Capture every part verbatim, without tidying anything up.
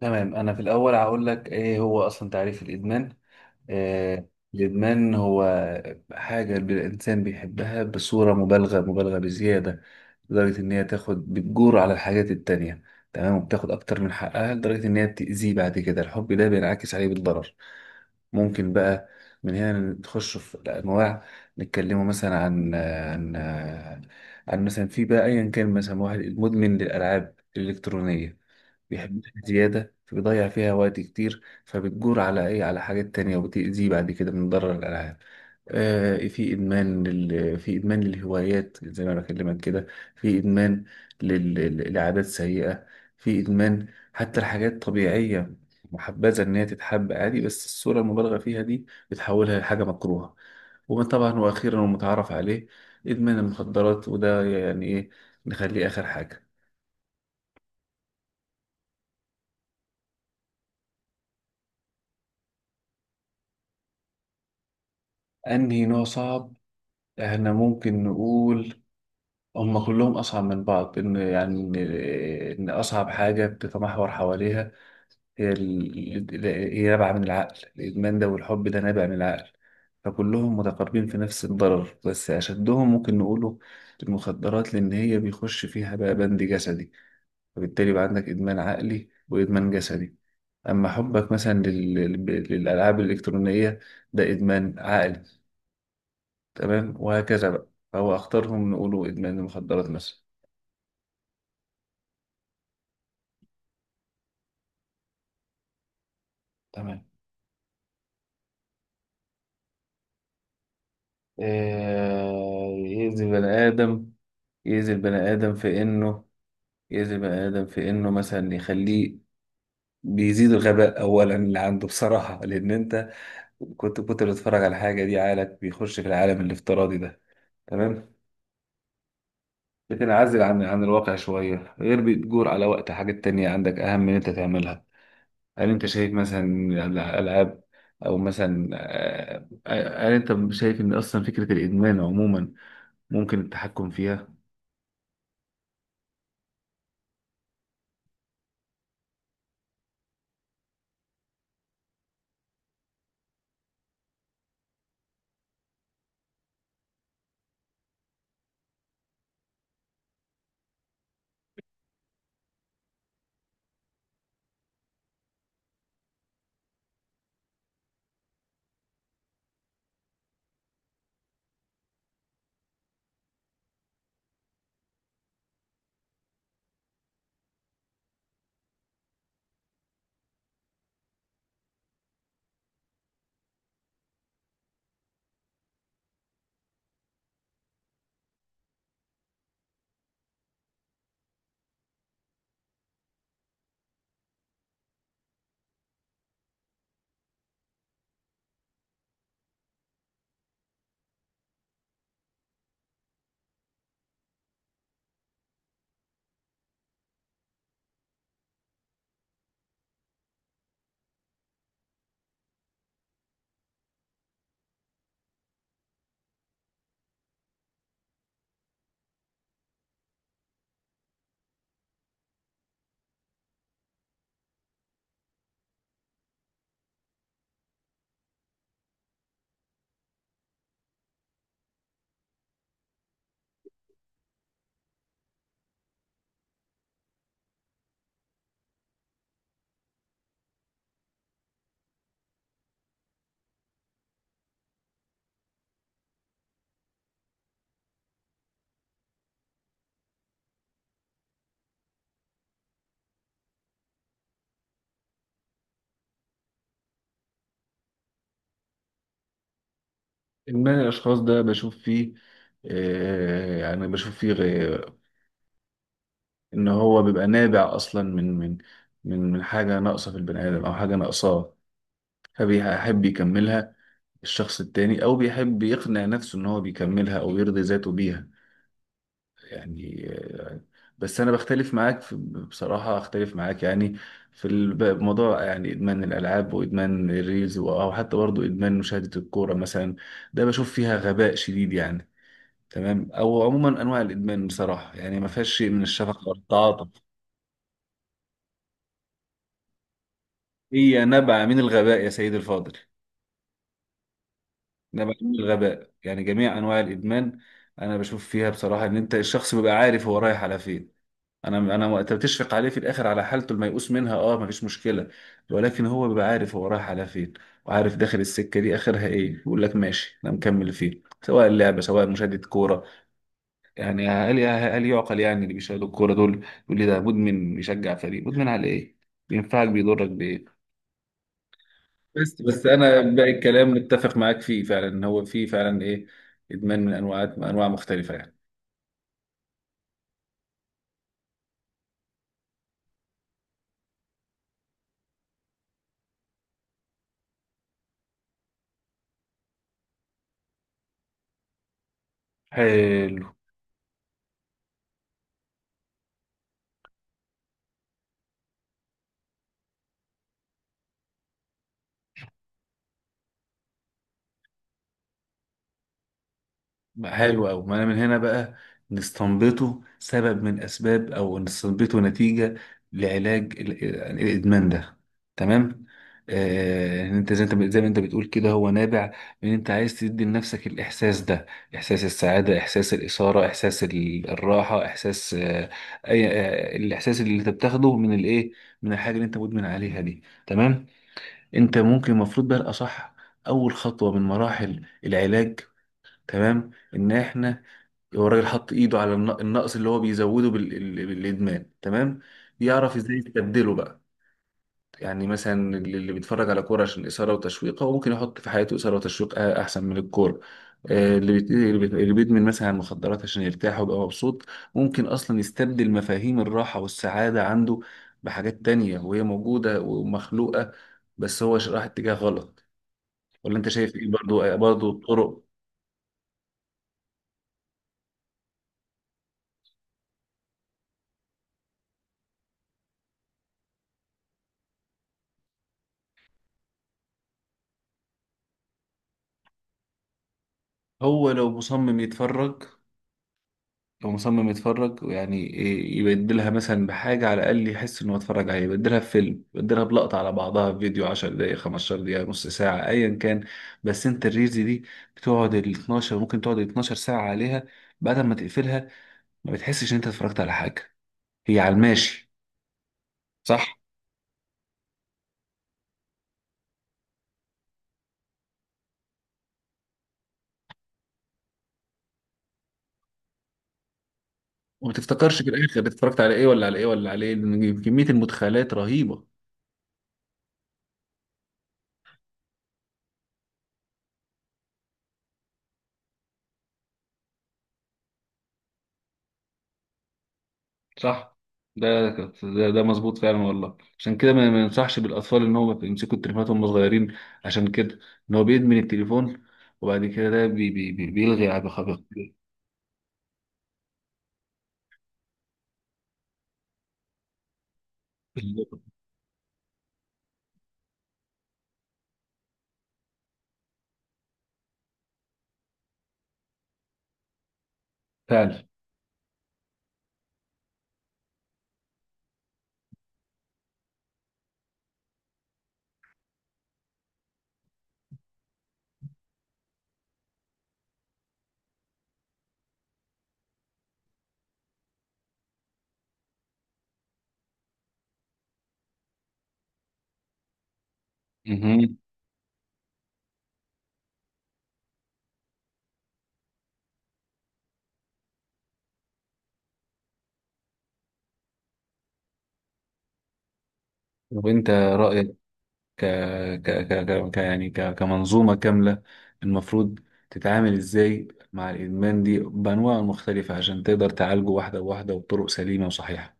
تمام، انا في الاول هقول لك ايه هو اصلا تعريف الادمان. آه. الادمان هو حاجه الانسان بيحبها بصوره مبالغه، مبالغه بزياده، لدرجه ان هي تاخد، بتجور على الحاجات التانية. تمام، وبتاخد اكتر من حقها لدرجه ان هي بتاذيه. بعد كده الحب ده بينعكس عليه بالضرر. ممكن بقى من هنا نخش في الانواع. نتكلموا مثلا عن عن عن مثلا، في بقى ايا كان، مثلا واحد مدمن للالعاب الالكترونيه، بيحبها زياده فبيضيع فيها وقت كتير فبتجور على ايه، على حاجات تانية وبتأذيه بعد كده من ضرر الالعاب. آه، في ادمان لل... في ادمان للهوايات زي ما أنا بكلمك كده. في ادمان لل... لعادات سيئه. في ادمان حتى الحاجات طبيعية، محبذة إن هي تتحب عادي، بس الصورة المبالغة فيها دي بتحولها لحاجة مكروهة. وطبعا، وأخيرا ومتعارف عليه إدمان المخدرات. وده يعني إيه؟ نخليه آخر حاجة. أنهي نوع صعب؟ إحنا ممكن نقول هما كلهم أصعب من بعض، إن يعني إن إن أصعب حاجة بتتمحور حواليها هي ال- ال- هي نابعة من العقل، الإدمان ده والحب ده نابع من العقل. فكلهم متقاربين في نفس الضرر، بس أشدهم ممكن نقوله المخدرات، لأن هي بيخش فيها بقى بند جسدي، فبالتالي يبقى عندك إدمان عقلي وإدمان جسدي. أما حبك مثلا لل... لل- للألعاب الإلكترونية، ده إدمان عقلي. تمام وهكذا بقى، فهو أخطرهم نقوله إدمان المخدرات مثلا. تمام. آه، يأذي البني آدم. يأذي البني آدم في إنه، يأذي بني آدم في إنه مثلا يخليه، بيزيد الغباء أولا اللي عنده بصراحة، لأن أنت كنت كنت بتتفرج على حاجة دي، عقلك بيخش في العالم الافتراضي ده. تمام. بتنعزل عن عن الواقع شوية، غير بتجور على وقت حاجات تانية عندك أهم من أنت تعملها. هل أنت شايف مثلا الألعاب، أو مثلا آه، آه، هل أنت شايف إن أصلا فكرة الإدمان عموما ممكن التحكم فيها؟ إدمان الأشخاص ده بشوف فيه، آه، يعني بشوف فيه ان هو بيبقى نابع اصلا من من من من حاجه ناقصه في البني ادم او حاجه ناقصاه، فبيحب يكملها الشخص التاني او بيحب يقنع نفسه ان هو بيكملها او يرضي ذاته بيها. يعني، آه، بس انا بختلف معاك في، بصراحه اختلف معاك يعني في الموضوع، يعني ادمان الالعاب وادمان الريلز و- او حتى برضه ادمان مشاهده الكوره مثلا، ده بشوف فيها غباء شديد يعني. تمام. او عموما انواع الادمان بصراحه يعني ما فيهاش شيء من الشفقه والتعاطف. هي نبع من الغباء يا سيدي الفاضل. نبع من الغباء. يعني جميع انواع الادمان انا بشوف فيها بصراحه ان انت الشخص بيبقى عارف هو رايح على فين. انا انا وقت بتشفق عليه في الاخر على حالته الميؤوس منها، اه، مفيش مشكله، ولكن هو بيبقى عارف هو رايح على فين، وعارف داخل السكه دي اخرها ايه، يقول لك ماشي انا مكمل فيه، سواء اللعبه سواء مشاهده كوره. يعني هل هل يعقل يعني اللي بيشاهدوا الكوره دول، يقول لي ده مدمن بيشجع فريق، مدمن على ايه؟ بينفعك؟ بيضرك بايه؟ بس بس انا باقي الكلام متفق معاك فيه، فعلا ان هو فيه فعلا ايه، ادمان من انواع انواع مختلفه يعني. حلو. حلو أوي، ما أنا من هنا بقى نستنبطه سبب من أسباب، أو نستنبطه نتيجة لعلاج ال- يعني الإدمان ده. تمام؟ آه، إن أنت، زي أنت زي ما أنت بتقول كده، هو نابع من أنت عايز تدي لنفسك الإحساس ده، إحساس السعادة، إحساس الإثارة، إحساس ال- الراحة، إحساس آه، أي آه، الإحساس اللي أنت بتاخده من الإيه، من الحاجة اللي أنت مدمن عليها دي. تمام؟ أنت ممكن، المفروض بقى الأصح أول خطوة من مراحل العلاج، تمام؟ إن إحنا، هو الراجل حط ايده على الن- النقص اللي هو بيزوده بال- ال- بالادمان، تمام. يعرف ازاي يستبدله بقى. يعني مثلا اللي اللي بيتفرج على كوره عشان اثاره وتشويق، هو ممكن يحط في حياته اثاره وتشويق أ- احسن من الكوره. آه، اللي بيت- اللي بيت- اللي بيدمن مثلا مخدرات عشان يرتاح ويبقى مبسوط، ممكن اصلا يستبدل مفاهيم الراحه والسعاده عنده بحاجات تانية، وهي موجوده ومخلوقه، بس هو راح اتجاه غلط. ولا انت شايف ايه؟ برضو، آه، برضو الطرق. هو لو مصمم يتفرج، لو مصمم يتفرج ويعني إيه، يبدلها مثلا بحاجة على الأقل يحس إنه اتفرج عليه، يبدلها بفيلم، يبدلها بلقطة على بعضها في فيديو 10 دقايق، 15 دقيقة، نص ساعة، أيا كان. بس أنت الريلز دي بتقعد ال اتناشر، ممكن تقعد ال اتناشر ساعة عليها، بعد ما تقفلها ما بتحسش إن أنت اتفرجت على حاجة، هي على الماشي. صح؟ وما تفتكرش في الآخر اتفرجت على إيه ولا على إيه ولا على إيه، لأن كمية المدخلات رهيبة. صح. ده كت- ده, ده مظبوط فعلا والله. عشان كده ما ما ينصحش بالاطفال ان هم يمسكوا التليفونات وهم صغيرين، عشان كده ان هو بيدمن التليفون، وبعد كده ده بي بي بي بيلغي على بخ- بخ- فعلا. مهم. وانت رايك، ك ك ك ك ك- يعني ك كمنظومه كامله المفروض تتعامل ازاي مع الادمان دي بانواعه المختلفه، عشان تقدر تعالجه واحده واحده وبطرق سليمه وصحيحه.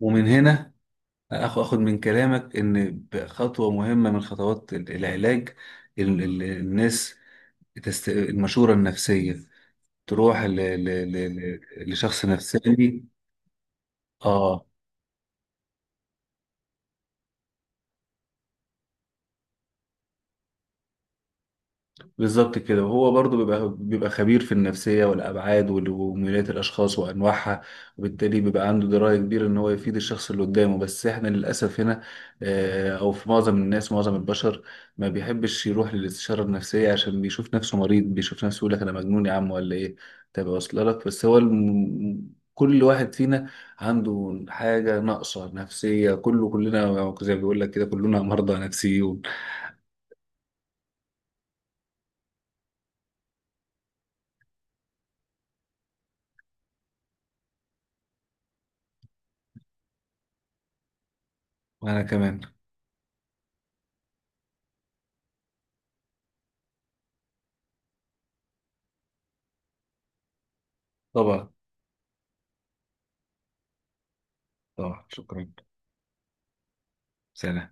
ومن هنا اخ- اخد من كلامك ان خطوه مهمه من خطوات ال- العلاج، ال- ال- الناس تست... المشوره النفسيه، تروح ل... ل... ل... ل- لشخص نفساني. اه، بالظبط كده، وهو برضو بيبقى بيبقى خبير في النفسية والأبعاد وال- وميولات الأشخاص وأنواعها، وبالتالي بيبقى عنده دراية كبيرة إن هو يفيد الشخص اللي قدامه. بس إحنا للأسف هنا، آه، أو في معظم الناس، معظم البشر ما بيحبش يروح للاستشارة النفسية، عشان بيشوف نفسه مريض، بيشوف نفسه يقول لك أنا مجنون يا عم ولا إيه تبقى واصلة لك. بس هو الم... كل واحد فينا عنده حاجة ناقصة نفسية، كله كلنا زي ما بيقول لك كده، كلنا مرضى نفسيون. وأنا كمان. طبعا، طبعا، شكرا. سلام.